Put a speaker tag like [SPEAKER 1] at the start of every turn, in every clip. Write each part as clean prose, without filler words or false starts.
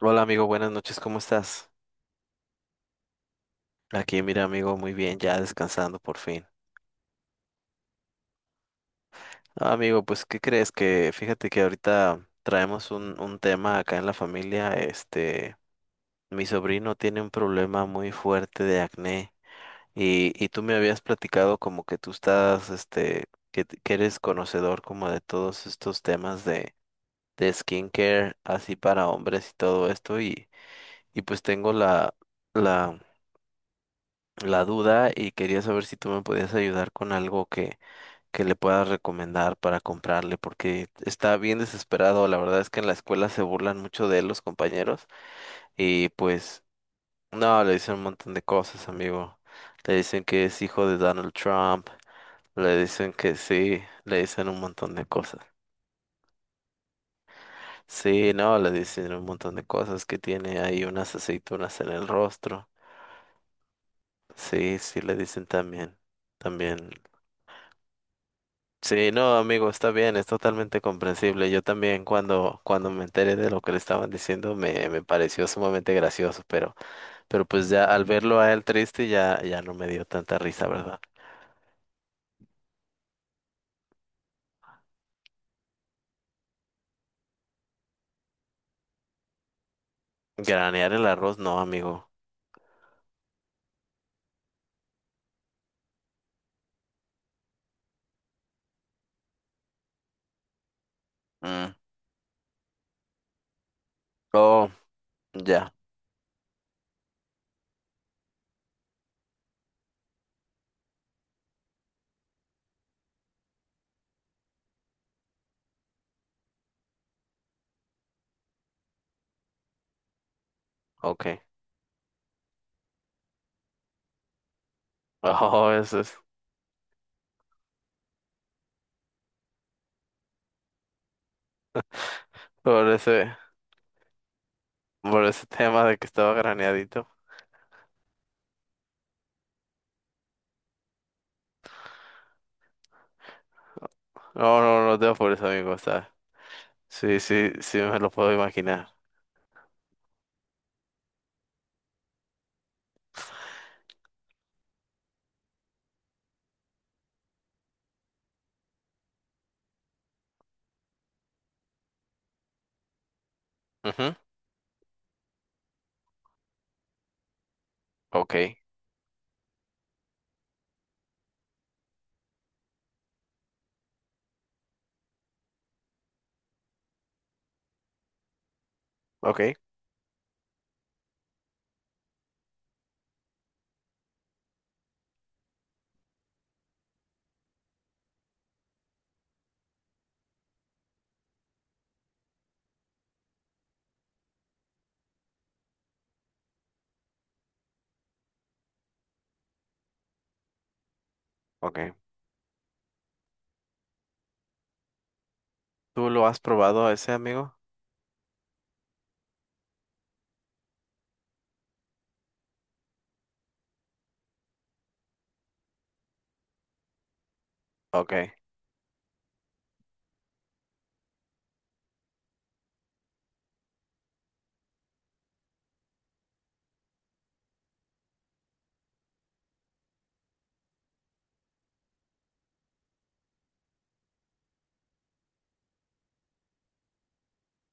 [SPEAKER 1] Hola amigo, buenas noches, ¿cómo estás? Aquí mira amigo, muy bien, ya descansando por fin. Ah, amigo, pues ¿qué crees? Que fíjate que ahorita traemos un tema acá en la familia, este, mi sobrino tiene un problema muy fuerte de acné y tú me habías platicado como que tú estás, este, que eres conocedor como de todos estos temas de skincare, así para hombres y todo esto y pues tengo la la duda y quería saber si tú me podías ayudar con algo que le puedas recomendar para comprarle, porque está bien desesperado. La verdad es que en la escuela se burlan mucho de él los compañeros y pues no, le dicen un montón de cosas, amigo. Le dicen que es hijo de Donald Trump, le dicen que sí, le dicen un montón de cosas. Sí, no, le dicen un montón de cosas que tiene ahí unas aceitunas en el rostro. Sí, sí, le dicen también, también. Sí, no, amigo, está bien, es totalmente comprensible. Yo también cuando me enteré de lo que le estaban diciendo me pareció sumamente gracioso, pero pues ya al verlo a él triste ya, ya no me dio tanta risa, ¿verdad? Granear el arroz, no, amigo. Mm. Oh, ya, ok. Oh, eso es por ese, por ese tema de que estaba graneadito. No, no, no te apures, amigo, está. Sí, sí, sí me lo puedo imaginar. Ujú, ok, ok, ok. ¿Tú lo has probado a ese, amigo? Ok,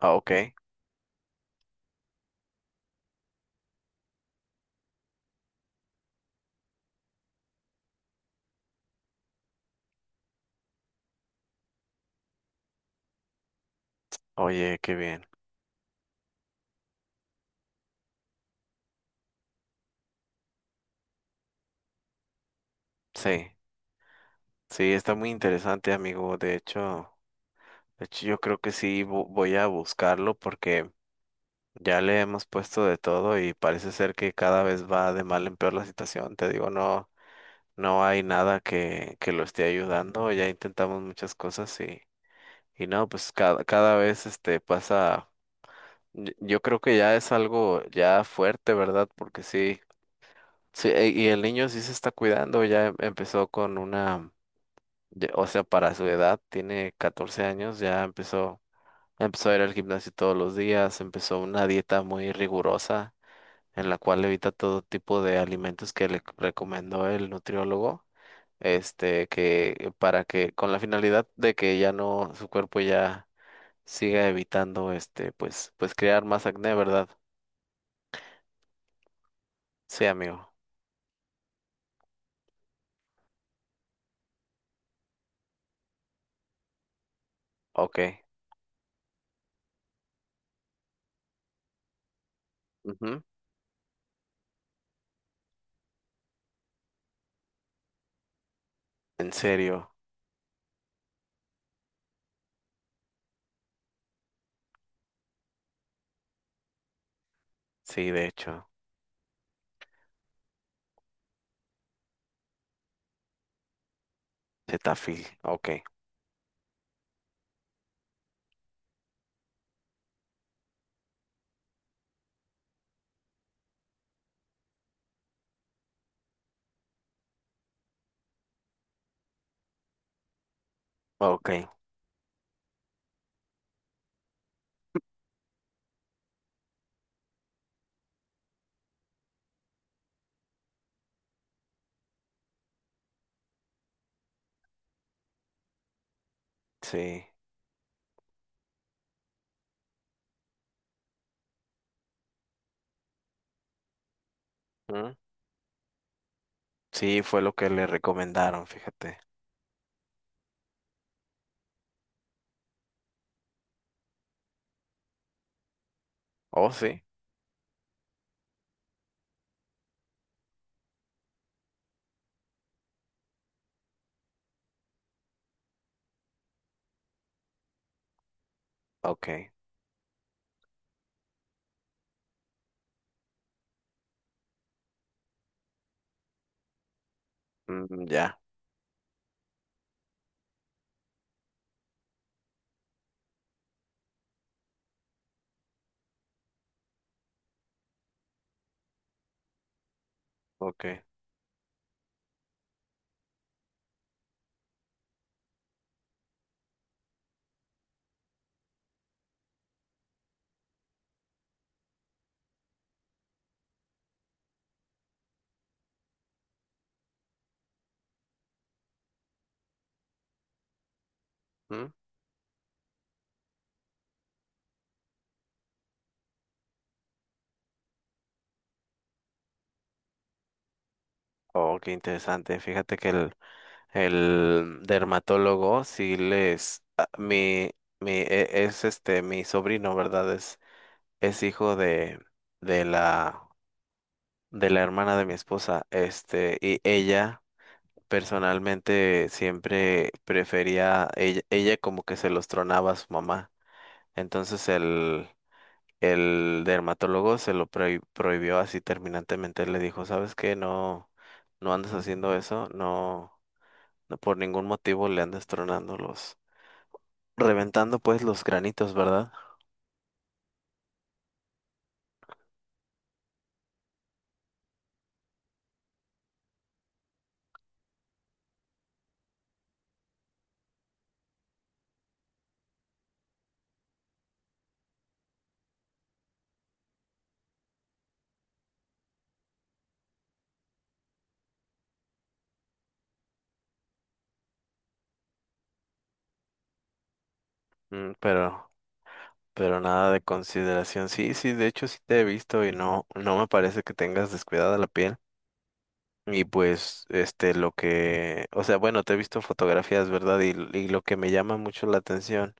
[SPEAKER 1] ah, ok. Oye, qué bien. Sí, sí, está muy interesante, amigo. De hecho, yo creo que sí voy a buscarlo porque ya le hemos puesto de todo y parece ser que cada vez va de mal en peor la situación. Te digo, no, no hay nada que lo esté ayudando. Ya intentamos muchas cosas y no, pues cada, cada vez este pasa. Yo creo que ya es algo ya fuerte, ¿verdad? Porque sí. Sí, y el niño sí se está cuidando, ya empezó con una. O sea, para su edad, tiene 14 años, ya empezó, empezó a ir al gimnasio todos los días, empezó una dieta muy rigurosa en la cual evita todo tipo de alimentos que le recomendó el nutriólogo, este, que para que, con la finalidad de que ya no, su cuerpo ya siga evitando, este, pues, pues crear más acné, ¿verdad? Sí, amigo. Ok. Ujú. En serio. Sí, de hecho. Cetaphil. Ok. Ok. Sí. Sí, fue lo que le recomendaron, fíjate. Oh, sí. Ok. Mm, ya. Ok. Mm. Oh, qué interesante. Fíjate que el dermatólogo sí les... ah, Mi, es este, mi sobrino, ¿verdad? Es hijo de la, de la hermana de mi esposa. Este, y ella personalmente siempre prefería, ella como que se los tronaba a su mamá. Entonces el... El dermatólogo se lo prohibió así terminantemente. Le dijo, ¿sabes qué? No, no andes haciendo eso, no, no por ningún motivo le andes tronando los, reventando pues los granitos, ¿verdad? Mm, pero nada de consideración. Sí, sí, de hecho sí te he visto y no, no me parece que tengas descuidada la piel. Y pues, este, lo que, o sea, bueno, te he visto fotografías, ¿verdad? Y lo que me llama mucho la atención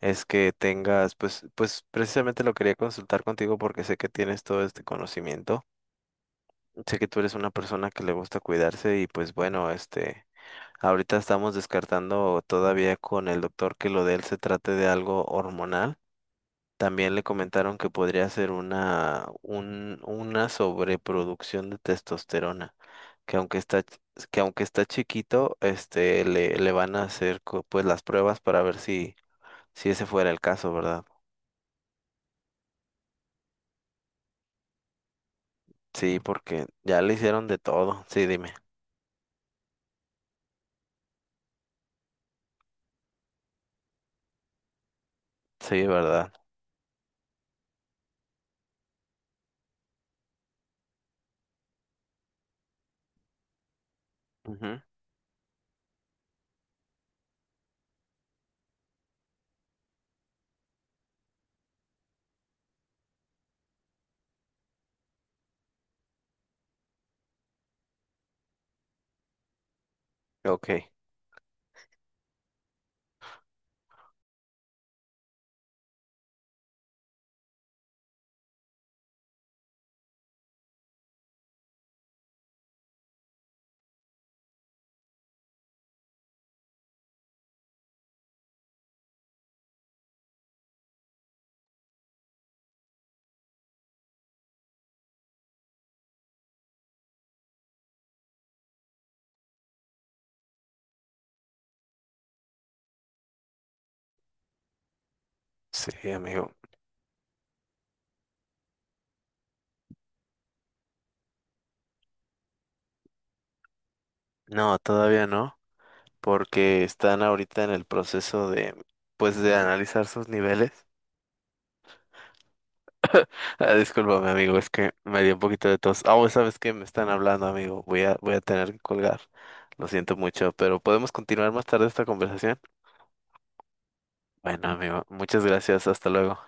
[SPEAKER 1] es que tengas, pues, pues precisamente lo quería consultar contigo porque sé que tienes todo este conocimiento. Sé que tú eres una persona que le gusta cuidarse y pues bueno, este, ahorita estamos descartando todavía con el doctor que lo de él se trate de algo hormonal. También le comentaron que podría ser una, un, una sobreproducción de testosterona, que aunque que aunque está chiquito, este, le van a hacer co- pues las pruebas para ver si, si ese fuera el caso, ¿verdad? Sí, porque ya le hicieron de todo. Sí, dime. Sí, ¿verdad? Ujú. Ok. Sí, amigo. No, todavía no, porque están ahorita en el proceso de, pues, de analizar sus niveles. Ah, discúlpame, amigo, es que me dio un poquito de tos. Ah, pues, ¿sabes qué? Me están hablando, amigo. Voy a, voy a tener que colgar. Lo siento mucho, pero podemos continuar más tarde esta conversación. Bueno, amigo, muchas gracias. Hasta luego.